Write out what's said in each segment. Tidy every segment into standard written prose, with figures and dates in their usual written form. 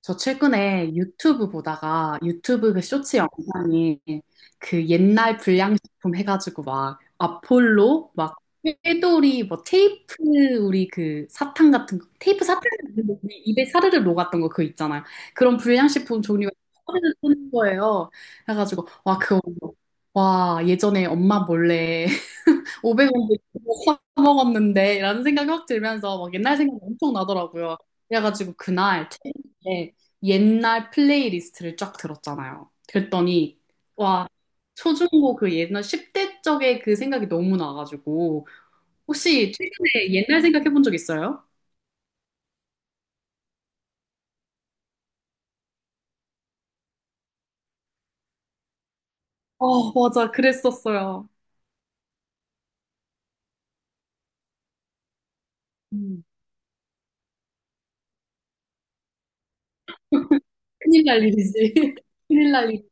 저 최근에 유튜브 보다가 유튜브 그 쇼츠 영상이 그 옛날 불량식품 해가지고 막 아폴로 막 꾀돌이 뭐 테이프 우리 그 사탕 같은 거 테이프 사탕 같은 거 우리 입에 사르르 녹았던 거 그거 있잖아요. 그런 불량식품 종류가 사르르 뜨는 거예요. 해가지고 와 그거 와 예전에 엄마 몰래 500원도 사 먹었는데 라는 생각이 확 들면서 막 옛날 생각이 엄청 나더라고요. 그래가지고 그날 퇴근에 옛날 플레이리스트를 쫙 들었잖아요. 그랬더니 와 초중고 그 옛날 10대 적의 그 생각이 너무 나가지고 혹시 최근에 옛날 생각해 본 적 있어요? 어 맞아 그랬었어요. 음, 큰일 날 일이지. 큰일 날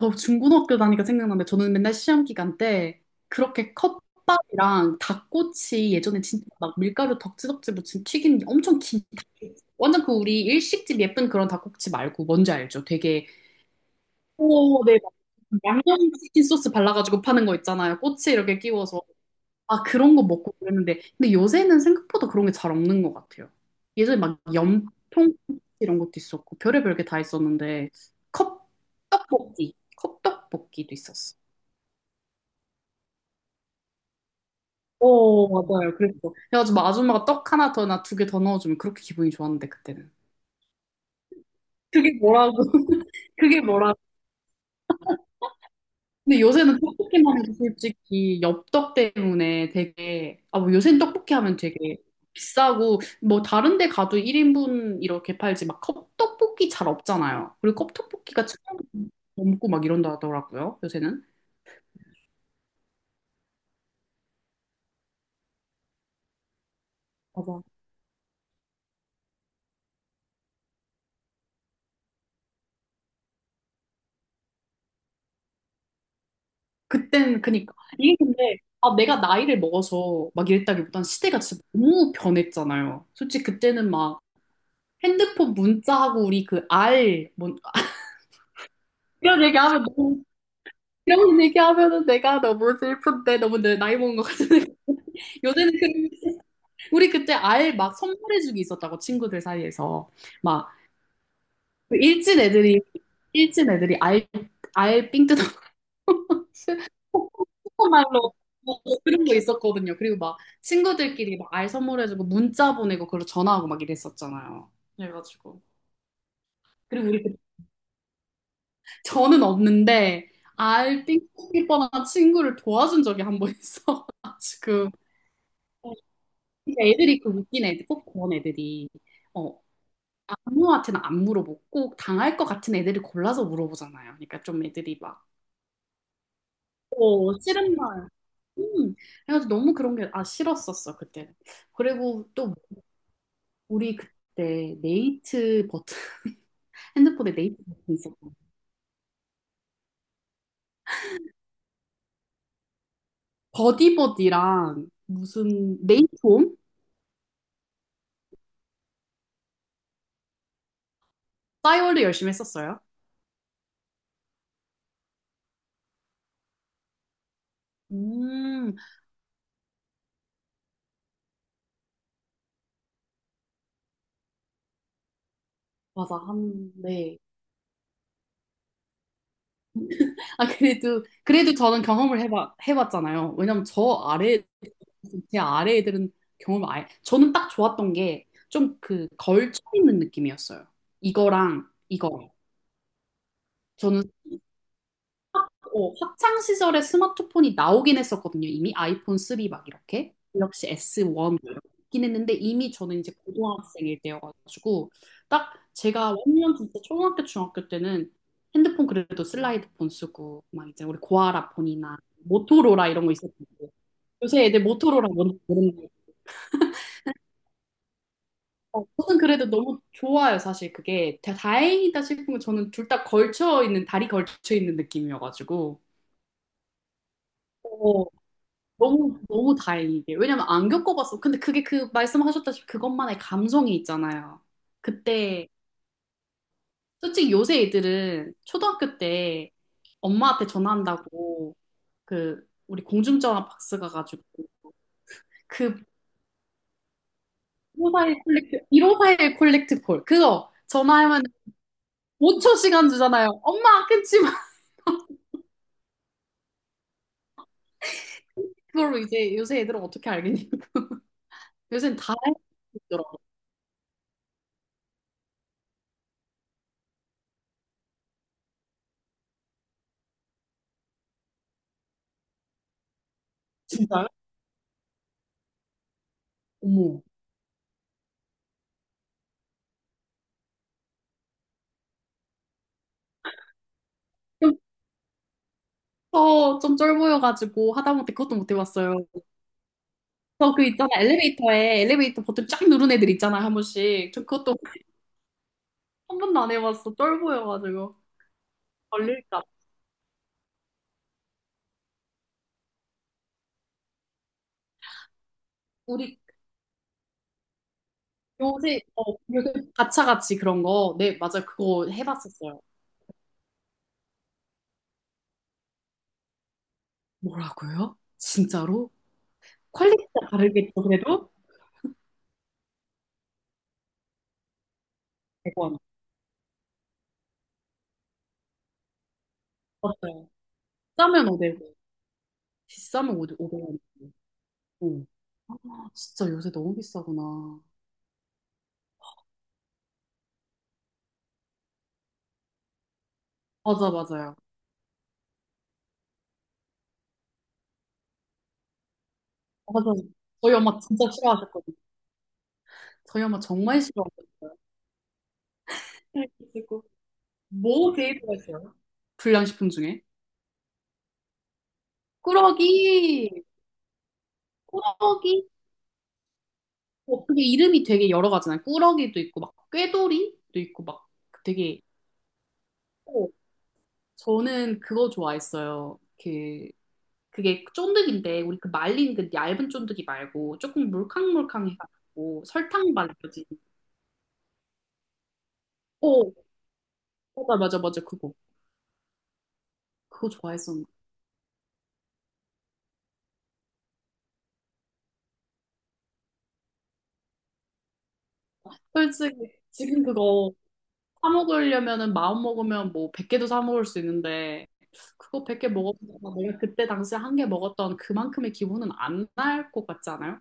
저 중고등학교 다니까 생각나는데 저는 맨날 시험 기간 때 그렇게 컵밥이랑 닭꼬치 예전에 진짜 막 밀가루 덕지덕지 묻힌 튀긴 엄청 긴 닭- 완전 그 우리 일식집 예쁜 그런 닭꼬치 말고 뭔지 알죠? 되게 오, 네. 맞아요. 양념치킨 소스 발라가지고 파는 거 있잖아요. 꼬치 이렇게 끼워서. 아, 그런 거 먹고 그랬는데. 근데 요새는 생각보다 그런 게 잘 없는 것 같아요. 예전에 막 염통 이런 것도 있었고, 별의별 게 다 있었는데, 컵, 떡볶이, 컵떡볶이도 있었어. 오, 맞아요. 그랬어. 그래가지고 막 아줌마가 떡 하나 더, 나 두 개 더 넣어주면 그렇게 기분이 좋았는데, 그때는. 그게 뭐라고, 그게 뭐라고. 근데 요새는 떡볶이만 해도 솔직히 엽떡 때문에 되게, 아, 뭐 요새는 떡볶이 하면 되게 비싸고, 뭐 다른 데 가도 1인분 이렇게 팔지, 막 컵떡볶이 잘 없잖아요. 그리고 컵떡볶이가 천 원 넘고 막 이런다 하더라고요, 요새는. 맞아. 그땐, 그니까. 이게 근데, 아, 내가 나이를 먹어서 막 이랬다기보단 시대가 진짜 너무 변했잖아요. 솔직히 그때는 막 핸드폰 문자하고 우리 그 알, 뭔, 아, 이런 얘기하면 너무 이런 얘기하면은 내가 너무 슬픈데 너무 내 나이 먹은 것 같은 느낌. 요새는 그 우리 그때 알 막 선물해주기 있었다고 친구들 사이에서 막그 일진 애들이 일진 애들이 알알삥 뜯어 말로 그런 거 있었거든요. 그리고 막 친구들끼리 막 알 선물해주고 문자 보내고 그걸로 전화하고 막 이랬었잖아요. 그래가지고 그리고 우리 그- 저는 없는데 알삥 뜯길 뻔한 친구를 도와준 적이 한 번 있어. 지금. 진짜 애들이 그 웃긴 애들, 꼭 그런 애들이 어, 아무한테나 안 물어보고 꼭 당할 것 같은 애들을 골라서 물어보잖아요. 그러니까 좀 애들이 막, 어, 싫은 말. 음. 그래가지고 너무 그런 게, 아, 싫었었어, 그때. 그리고 또 우리 그때 네이트 버튼, 핸드폰에 네이트 버튼 있었고, 버디버디랑 무슨 네이트홈? 싸이월드 열심히 했었어요. 음, 맞아. 한, 네. 아, 그래도, 그래도 저는 경험을 해봤잖아요. 왜냐면 아래, 제 아래 애들은 경험을 아예, 저는 딱 좋았던 게 좀 그 걸쳐 있는 느낌이었어요. 이거랑 이거. 저는 어, 학창 시절에 스마트폰이 나오긴 했었거든요. 이미 아이폰 3 막 이렇게 갤럭시 S1 이렇게 있긴 했는데 이미 저는 이제 고등학생일 때여가지고 딱 제가 완전 진짜 초등학교 중학교 때는 핸드폰 그래도 슬라이드폰 쓰고 막 이제 우리 고아라 폰이나 모토로라 이런 거 있었는데 요새 애들 모토로라 뭔지 모르는데 어, 저는 그래도 너무 좋아요 사실 그게 다- 다행이다 싶은 건 저는 둘 다 걸쳐 있는 다리 걸쳐 있는 느낌이어가지고 너무, 너무 다행이게. 왜냐면 안 겪어봤어. 근데 그게 그 말씀하셨다시피 그것만의 감성이 있잖아요. 그때, 솔직히 요새 애들은 초등학교 때 엄마한테 전화한다고 그, 우리 공중전화 박스 가가지고 그 1 5사일 콜렉트, 1541 콜렉트 콜. 그거 전화하면 5초 시간 주잖아요. 엄마 끊지 마. 그걸로 이제 요새 애들은 어떻게 알겠냐고. 요새는 다 알고 있더라고. 진짜요? 어머. 저 좀 쫄보여가지고 하다못해 그것도 못 해봤어요. 저 그 있잖아 엘리베이터에 엘리베이터 버튼 쫙 누른 애들 있잖아 한 번씩. 저 그것도 한 번도 안 해봤어. 쫄보여가지고 걸릴까. 봐. 우리 요새 어 요새 가차같이 그런 거. 네 맞아 요 그거 해봤었어요. 뭐라고요? 진짜로? 퀄리티가 다르겠죠 그래도? 100원. 맞아요. 싸면 5백원 비싸면 500원. 어. 아, 진짜 요새 너무 비싸구나. 맞아 맞아요. 맞아. 요 저희 엄마 진짜 싫어하셨거든요. 저희 엄마 정말 싫어하거든요. 그리고 뭐 데이트가 있어요? 불량식품 중에. 꾸러기, 꾸러기. 어, 그게 이름이 되게 여러 가지잖아요. 꾸러기도 있고, 막, 꾀돌이도 있고, 막, 되게. 어, 저는 그거 좋아했어요. 그, 그게 쫀득인데, 우리 그 말린 그 얇은 쫀득이 말고, 조금 물캉물캉해가지고, 설탕 발라진. 어, 맞아, 맞아, 맞아, 그거. 그거 좋아했었는데. 솔직히, 지금 그거 사 먹으려면은 마음 먹으면 뭐 100개도 사 먹을 수 있는데 그거 100개 먹었다가 내가 그때 당시에 한 개 먹었던 그만큼의 기분은 안 날 것 같지 않아요?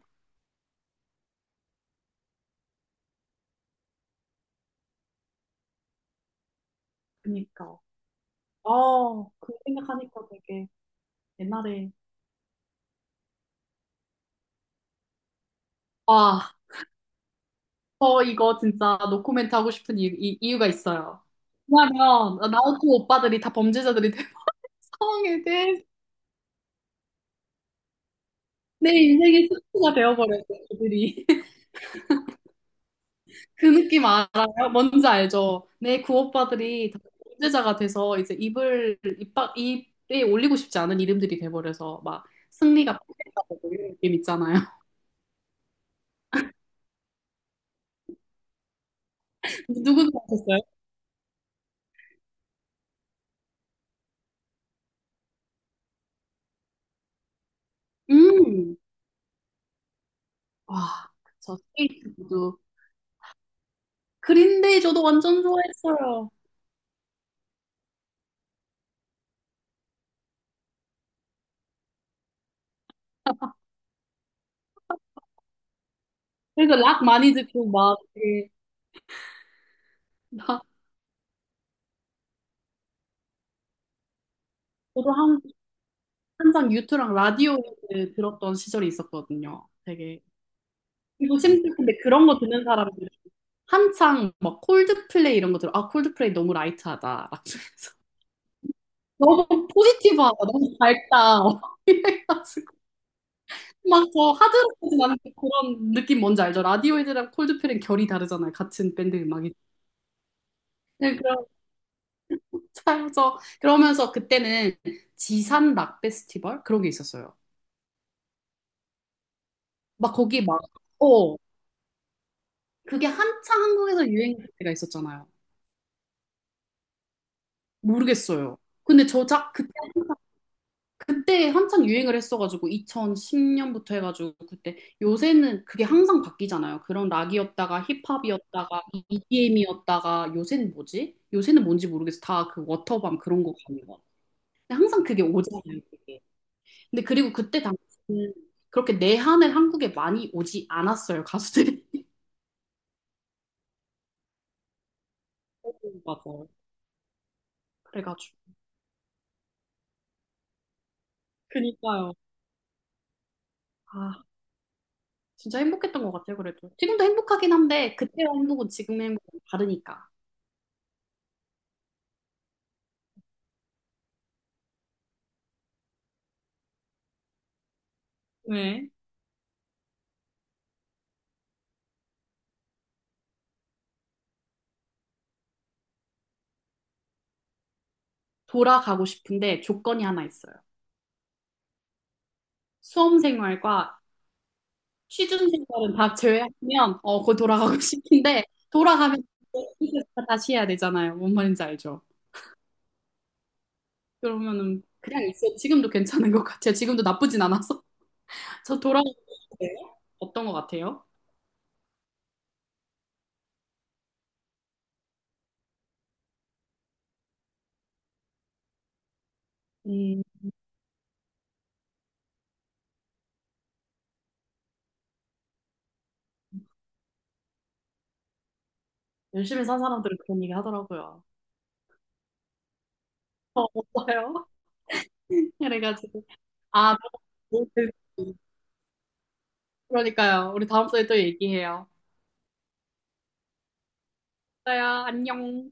그니까. 아, 그 생각하니까 되게 옛날에. 아, 저 이거 진짜 노코멘트 하고 싶은 이유가 있어요. 왜냐면 나우토 오빠들이 다 범죄자들이 된 상황에 대해 내 인생의 스포가 되어버렸어요, 그들이. 그 느낌 알아요? 뭔지 알죠? 내 구오빠들이 다 범죄자가 돼서 이제 입을 입박 입에 올리고 싶지 않은 이름들이 돼버려서 막 승리가 폭행다고 이런 느낌 있잖아요. 누구도 하셨어요? 음, 와, 그쵸. 스테이트 구두. 그린데이 저도 완전 좋아했어요. 그래서 락 많이 듣고 막 되게 나 저도 한 항상 유튜랑 라디오 들었던 시절이 있었거든요. 되게 그리고 심지어 근데 그런 거 듣는 사람들 한창 막 콜드플레이 이런 거 들어. 아, 콜드플레이 너무 라이트하다. 막 이러면서 너무 포지티브하다. 너무 밝다. 막 이래가지고 막 저 하드락까지 않는 그런 느낌 뭔지 알죠? 라디오헤드랑 콜드플레이는 결이 다르잖아요. 같은 밴드 음악이. 네, 그런 차이죠 그러면서 그때는 지산 락 페스티벌 그런 게 있었어요. 막 거기 막 어, 그게 한창 한국에서 유행할 때가 있었잖아요. 모르겠어요. 근데 저작 그때 한참 유행을 했어가지고 2010년부터 해가지고 그때 요새는 그게 항상 바뀌잖아요. 그런 락이었다가 힙합이었다가 EDM이었다가 요새는 뭐지? 요새는 뭔지 모르겠어. 다 그 워터밤 그런 거 가는 거. 근데 항상 그게 오잖아요. 그게. 근데 그리고 그때 당시는 그렇게 내한을 한국에 많이 오지 않았어요. 가수들이. 맞아 그래가지고. 그니까요. 아, 진짜 행복했던 것 같아요. 그래도. 지금도 행복하긴 한데 그때와 행복은 지금의 행복은 다르니까. 네. 돌아가고 싶은데 조건이 하나 있어요. 수험생활과 취준생활은 다 제외하면 어, 거기 돌아가고 싶은데 돌아가면 이거 다시 해야 되잖아요. 뭔 말인지 알죠? 그러면은 그냥 있어요. 지금도 괜찮은 것 같아요. 지금도 나쁘진 않아서 저 돌아가고 싶어요. 어떤 것 같아요? 음, 열심히 산 사람들은 그런 얘기 하더라고요. 어, 없어요? 그래가지고 아, 너무 좋을 것 같아요. 그러니까요. 우리 다음 주에 또 얘기해요. 그래요 안녕.